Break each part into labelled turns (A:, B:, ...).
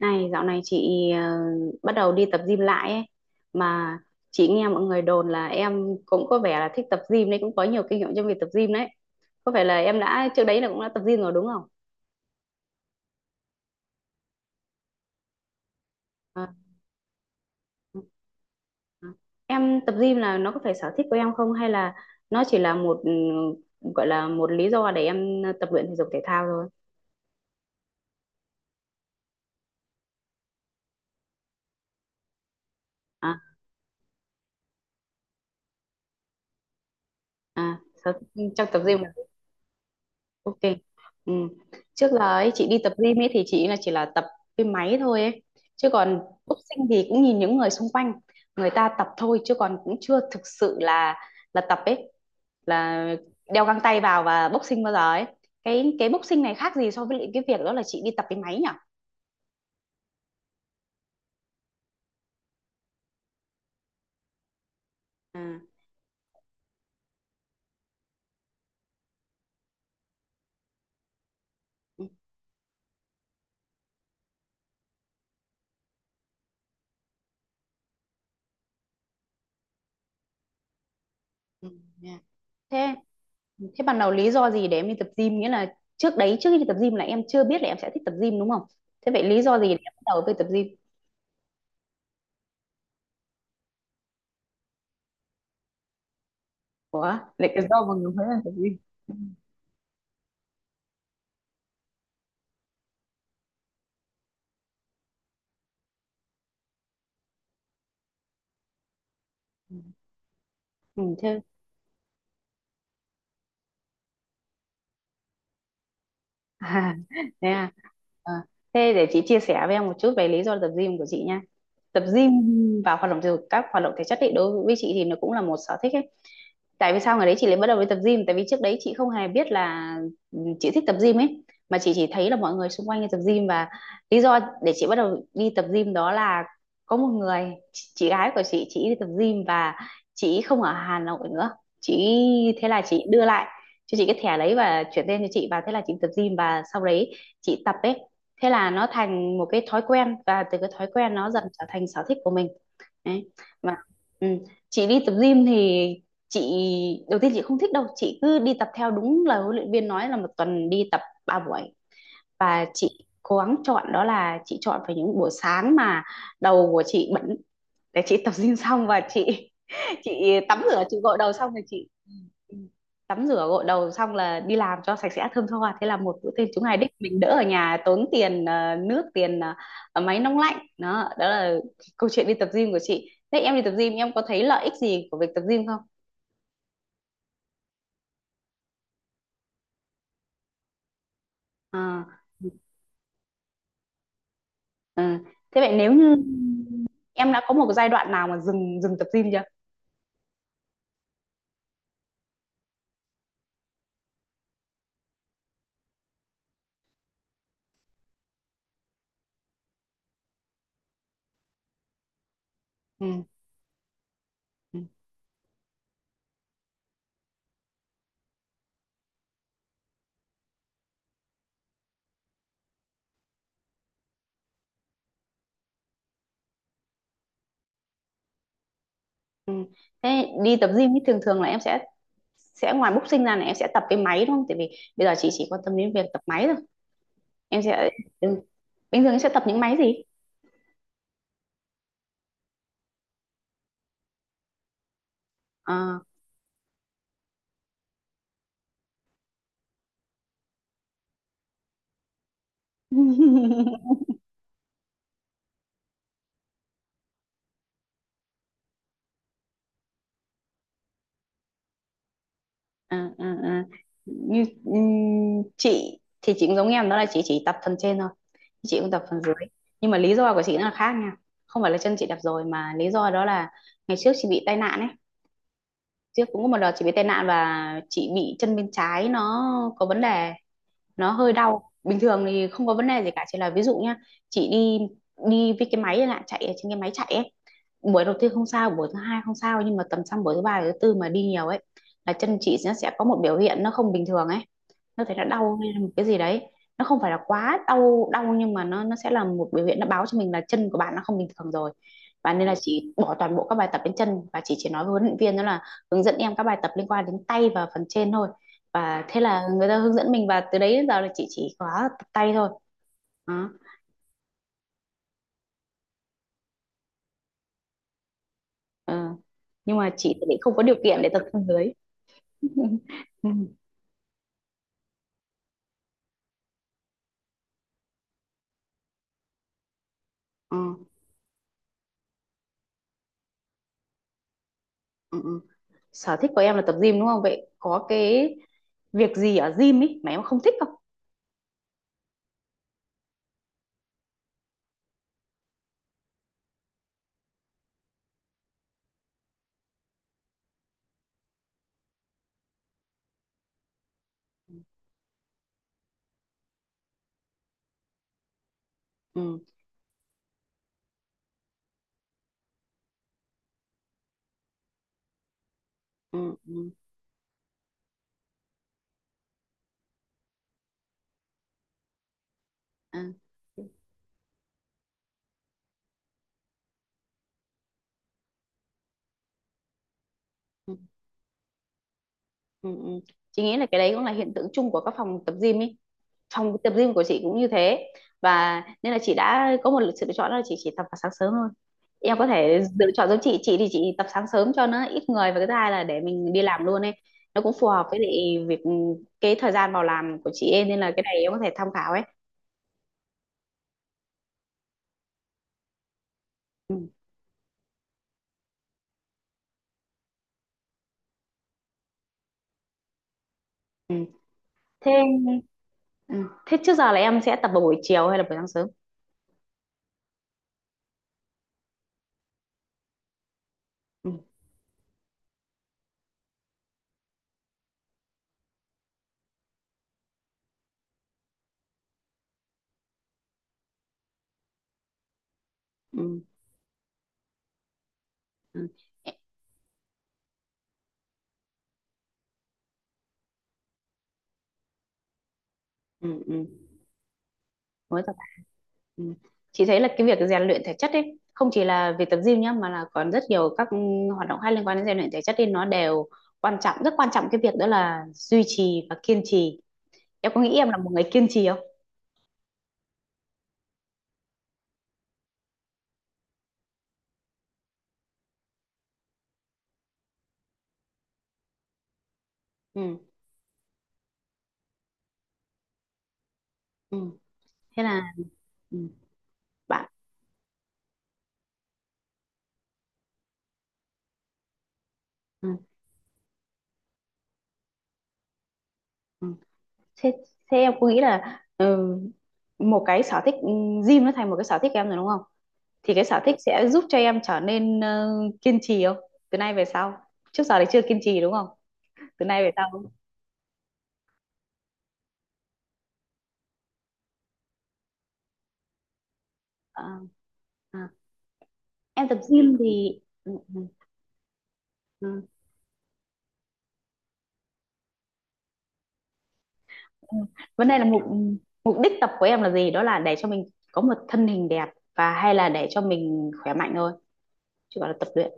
A: Này, dạo này chị bắt đầu đi tập gym lại ấy. Mà chị nghe mọi người đồn là em cũng có vẻ là thích tập gym đấy, cũng có nhiều kinh nghiệm trong việc tập gym đấy. Có phải là em đã trước đấy là cũng đã tập gym rồi đúng không? Ờ, ờ. Em tập gym là nó có phải sở thích của em không hay là nó chỉ là một gọi là một lý do để em tập luyện thể dục thể thao thôi? À, à, trong tập gym. Ok. Ừ. Trước là ấy, chị đi tập gym ấy thì chị là chỉ là tập cái máy thôi ấy. Chứ còn boxing thì cũng nhìn những người xung quanh người ta tập thôi, chứ còn cũng chưa thực sự là tập ấy, là đeo găng tay vào và boxing bao giờ ấy. Cái boxing này khác gì so với lại cái việc đó là chị đi tập cái máy nhỉ? À. Ừ, ừ, nha. Thế thế ban đầu lý do gì để em đi tập gym, nghĩa là trước đấy trước khi đi tập gym là em chưa biết là em sẽ thích tập gym đúng không? Thế vậy lý do gì để em bắt đầu với tập gym? Ủa, lại cái rau mà người Huế là cái gì? Ừ, chứ. À, thế à. Ờ, thế để chị chia sẻ với em một chút về lý do tập gym của chị nha. Tập gym và hoạt động thể dục, các hoạt động thể chất ấy, đối với chị thì nó cũng là một sở thích ấy. Tại vì sao ngày đấy chị lại bắt đầu đi tập gym, tại vì trước đấy chị không hề biết là chị thích tập gym ấy, mà chị chỉ thấy là mọi người xung quanh đi tập gym và lý do để chị bắt đầu đi tập gym đó là có một người chị gái của chị đi tập gym và chị không ở Hà Nội nữa, chị thế là chị đưa lại cho chị cái thẻ đấy và chuyển tên cho chị, và thế là chị tập gym và sau đấy chị tập ấy, thế là nó thành một cái thói quen và từ cái thói quen nó dần trở thành sở thích của mình. Đấy. Và ừ. Chị đi tập gym thì chị đầu tiên chị không thích đâu, chị cứ đi tập theo đúng lời huấn luyện viên nói là một tuần đi tập 3 buổi, và chị cố gắng chọn đó là chị chọn phải những buổi sáng mà đầu của chị bẩn, để chị tập gym xong và chị tắm rửa chị gội đầu xong rồi chị ừ, tắm rửa gội đầu xong là đi làm cho sạch sẽ thơm tho, thế là một bữa tiệc chúng ngày đích mình đỡ ở nhà tốn tiền nước tiền máy nóng lạnh. Đó đó là câu chuyện đi tập gym của chị. Thế em đi tập gym em có thấy lợi ích gì của việc tập gym không? À, ừ. Thế vậy nếu như em đã có một cái giai đoạn nào mà dừng dừng tập gym chưa? Ừ. Ừ. Ừ. Thế đi tập gym thì thường thường là em sẽ ngoài boxing ra là em sẽ tập cái máy đúng không, tại vì bây giờ chị chỉ quan tâm đến việc tập máy thôi, em sẽ ừ. bình thường em sẽ tập những máy gì? Ờ. À, à, à. Như chị thì chị cũng giống em đó là chị chỉ tập phần trên thôi, chị cũng tập phần dưới, nhưng mà lý do của chị nó là khác nha, không phải là chân chị đập rồi mà lý do đó là ngày trước chị bị tai nạn ấy, trước cũng có một đợt chị bị tai nạn và chị bị chân bên trái nó có vấn đề, nó hơi đau, bình thường thì không có vấn đề gì cả, chỉ là ví dụ nhá, chị đi đi với cái máy là chạy ở trên cái máy chạy ấy, buổi đầu tiên không sao, buổi thứ hai không sao, nhưng mà tầm sang buổi thứ ba thứ tư mà đi nhiều ấy là chân chị nó sẽ có một biểu hiện nó không bình thường ấy, nó thấy nó đau hay là một cái gì đấy, nó không phải là quá đau đau, nhưng mà nó sẽ là một biểu hiện nó báo cho mình là chân của bạn nó không bình thường rồi, và nên là chị bỏ toàn bộ các bài tập đến chân, và chị chỉ nói với huấn luyện viên đó là hướng dẫn em các bài tập liên quan đến tay và phần trên thôi, và thế là người ta hướng dẫn mình và từ đấy đến giờ là chị chỉ có tập tay thôi đó. Ừ. Nhưng mà chị thì lại không có điều kiện để tập thân dưới. Ừ. Ừ. Ừ. Ừ. Sở thích của em là tập gym đúng không, vậy có cái việc gì ở gym ấy mà em không thích không? Ừ. Ừ, ừ, à, ừ, ừ, ừ. Ừ. Chị nghĩ là cái đấy cũng là hiện tượng chung của các phòng tập gym ấy, phòng tập gym của chị cũng như thế, và nên là chị đã có một sự lựa chọn đó là chị chỉ tập vào sáng sớm thôi, em có thể lựa chọn giống chị thì chị tập sáng sớm cho nó ít người và cái thứ hai là để mình đi làm luôn ấy, nó cũng phù hợp với lại việc cái thời gian vào làm của chị ấy, nên là cái này em có thể tham khảo ấy. Ừ, ừ. Thế ừ. Thế trước giờ là em sẽ tập vào buổi chiều hay là buổi sáng sớm? Ừ, ừ, ừ. Ừ, ừ. Ừ. Chị thấy là cái việc rèn luyện thể chất ấy không chỉ là việc tập gym nhá, mà là còn rất nhiều các hoạt động hay liên quan đến rèn luyện thể chất thì nó đều quan trọng, rất quan trọng cái việc đó là duy trì và kiên trì. Em có nghĩ em là một người kiên trì không? Ừ. Ừ. Thế là ừ, bạn ừ, ừ. Thế, thế em có nghĩ là một cái sở thích, gym nó thành một cái sở thích em rồi đúng không, thì cái sở thích sẽ giúp cho em trở nên kiên trì không, từ nay về sau? Trước giờ thì chưa kiên trì đúng không, từ nay về sau? À, à. Em tập gym thì ừ, ừ. Vấn đề là mục mục đích tập của em là gì, đó là để cho mình có một thân hình đẹp và hay là để cho mình khỏe mạnh thôi, chứ gọi là tập luyện.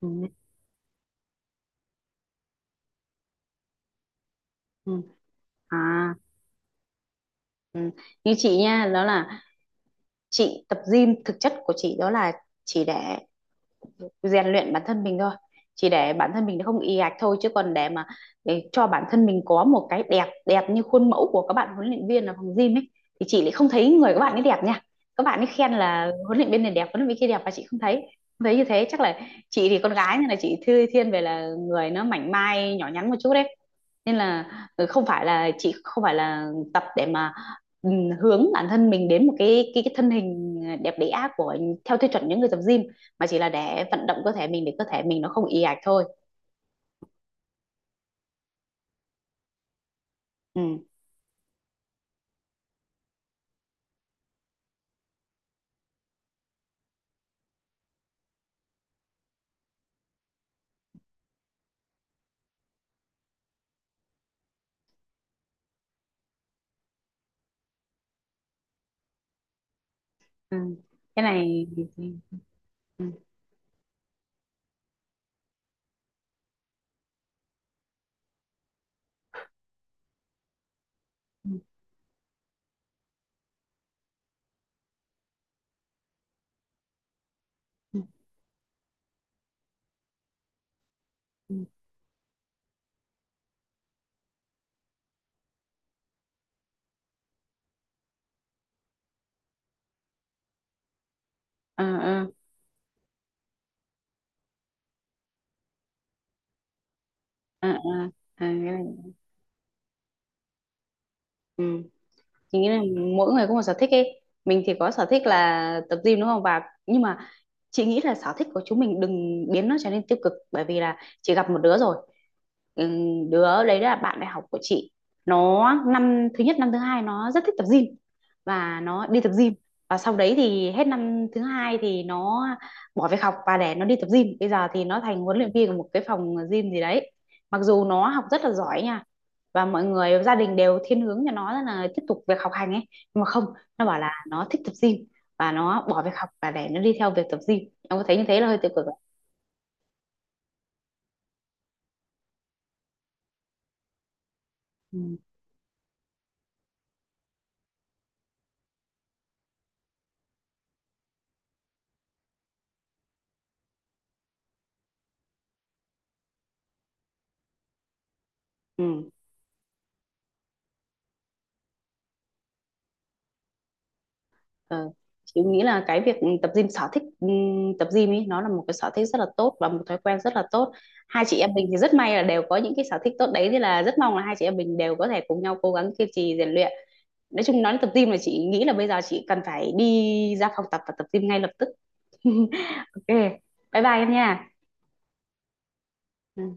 A: Ừ, ừ. À ừ. Như chị nha đó là chị tập gym thực chất của chị đó là chỉ để rèn luyện bản thân mình thôi, chỉ để bản thân mình không ì ạch thôi, chứ còn để mà để cho bản thân mình có một cái đẹp, đẹp như khuôn mẫu của các bạn huấn luyện viên ở phòng gym ấy thì chị lại không thấy người các bạn ấy đẹp nha, các bạn ấy khen là huấn luyện viên này đẹp huấn luyện viên kia đẹp và chị không thấy, không thấy như thế, chắc là chị thì con gái nên là chị thư thiên về là người nó mảnh mai nhỏ nhắn một chút đấy. Nên là không phải là chị, không phải là tập để mà ừ, hướng bản thân mình đến một cái thân hình đẹp đẽ của theo tiêu chuẩn những người tập gym, mà chỉ là để vận động cơ thể mình để cơ thể mình nó không ì ạch thôi. Ừ. Ừ. Cái này ừ. Ừ. Ừ. Ừ. Ừ. Ừ. Ừ. Ừ. Ừ. Cái này. Ừ. Chị nghĩ là mỗi người có một sở thích ấy, mình thì có sở thích là tập gym đúng không, và nhưng mà chị nghĩ là sở thích của chúng mình đừng biến nó trở nên tiêu cực, bởi vì là chị gặp một đứa rồi. Đứa đấy là bạn đại học của chị, nó năm thứ nhất năm thứ hai nó rất thích tập gym và nó đi tập gym và sau đấy thì hết năm thứ hai thì nó bỏ việc học và để nó đi tập gym, bây giờ thì nó thành huấn luyện viên của một cái phòng gym gì đấy, mặc dù nó học rất là giỏi nha và mọi người gia đình đều thiên hướng cho nó là tiếp tục việc học hành ấy, nhưng mà không, nó bảo là nó thích tập gym và nó bỏ việc học và để nó đi theo việc tập gym. Em có thấy như thế là hơi tiêu cực ạ? Ừ. Ừ. Ờ. Chị nghĩ là cái việc tập gym sở thích, tập gym ấy nó là một cái sở thích rất là tốt và một thói quen rất là tốt. Hai chị em mình thì rất may là đều có những cái sở thích tốt đấy thì là rất mong là hai chị em mình đều có thể cùng nhau cố gắng kiên trì rèn luyện. Nói chung nói đến tập gym là chị nghĩ là bây giờ chị cần phải đi ra phòng tập và tập gym ngay lập tức. Ok, bye bye em nha. Ừ.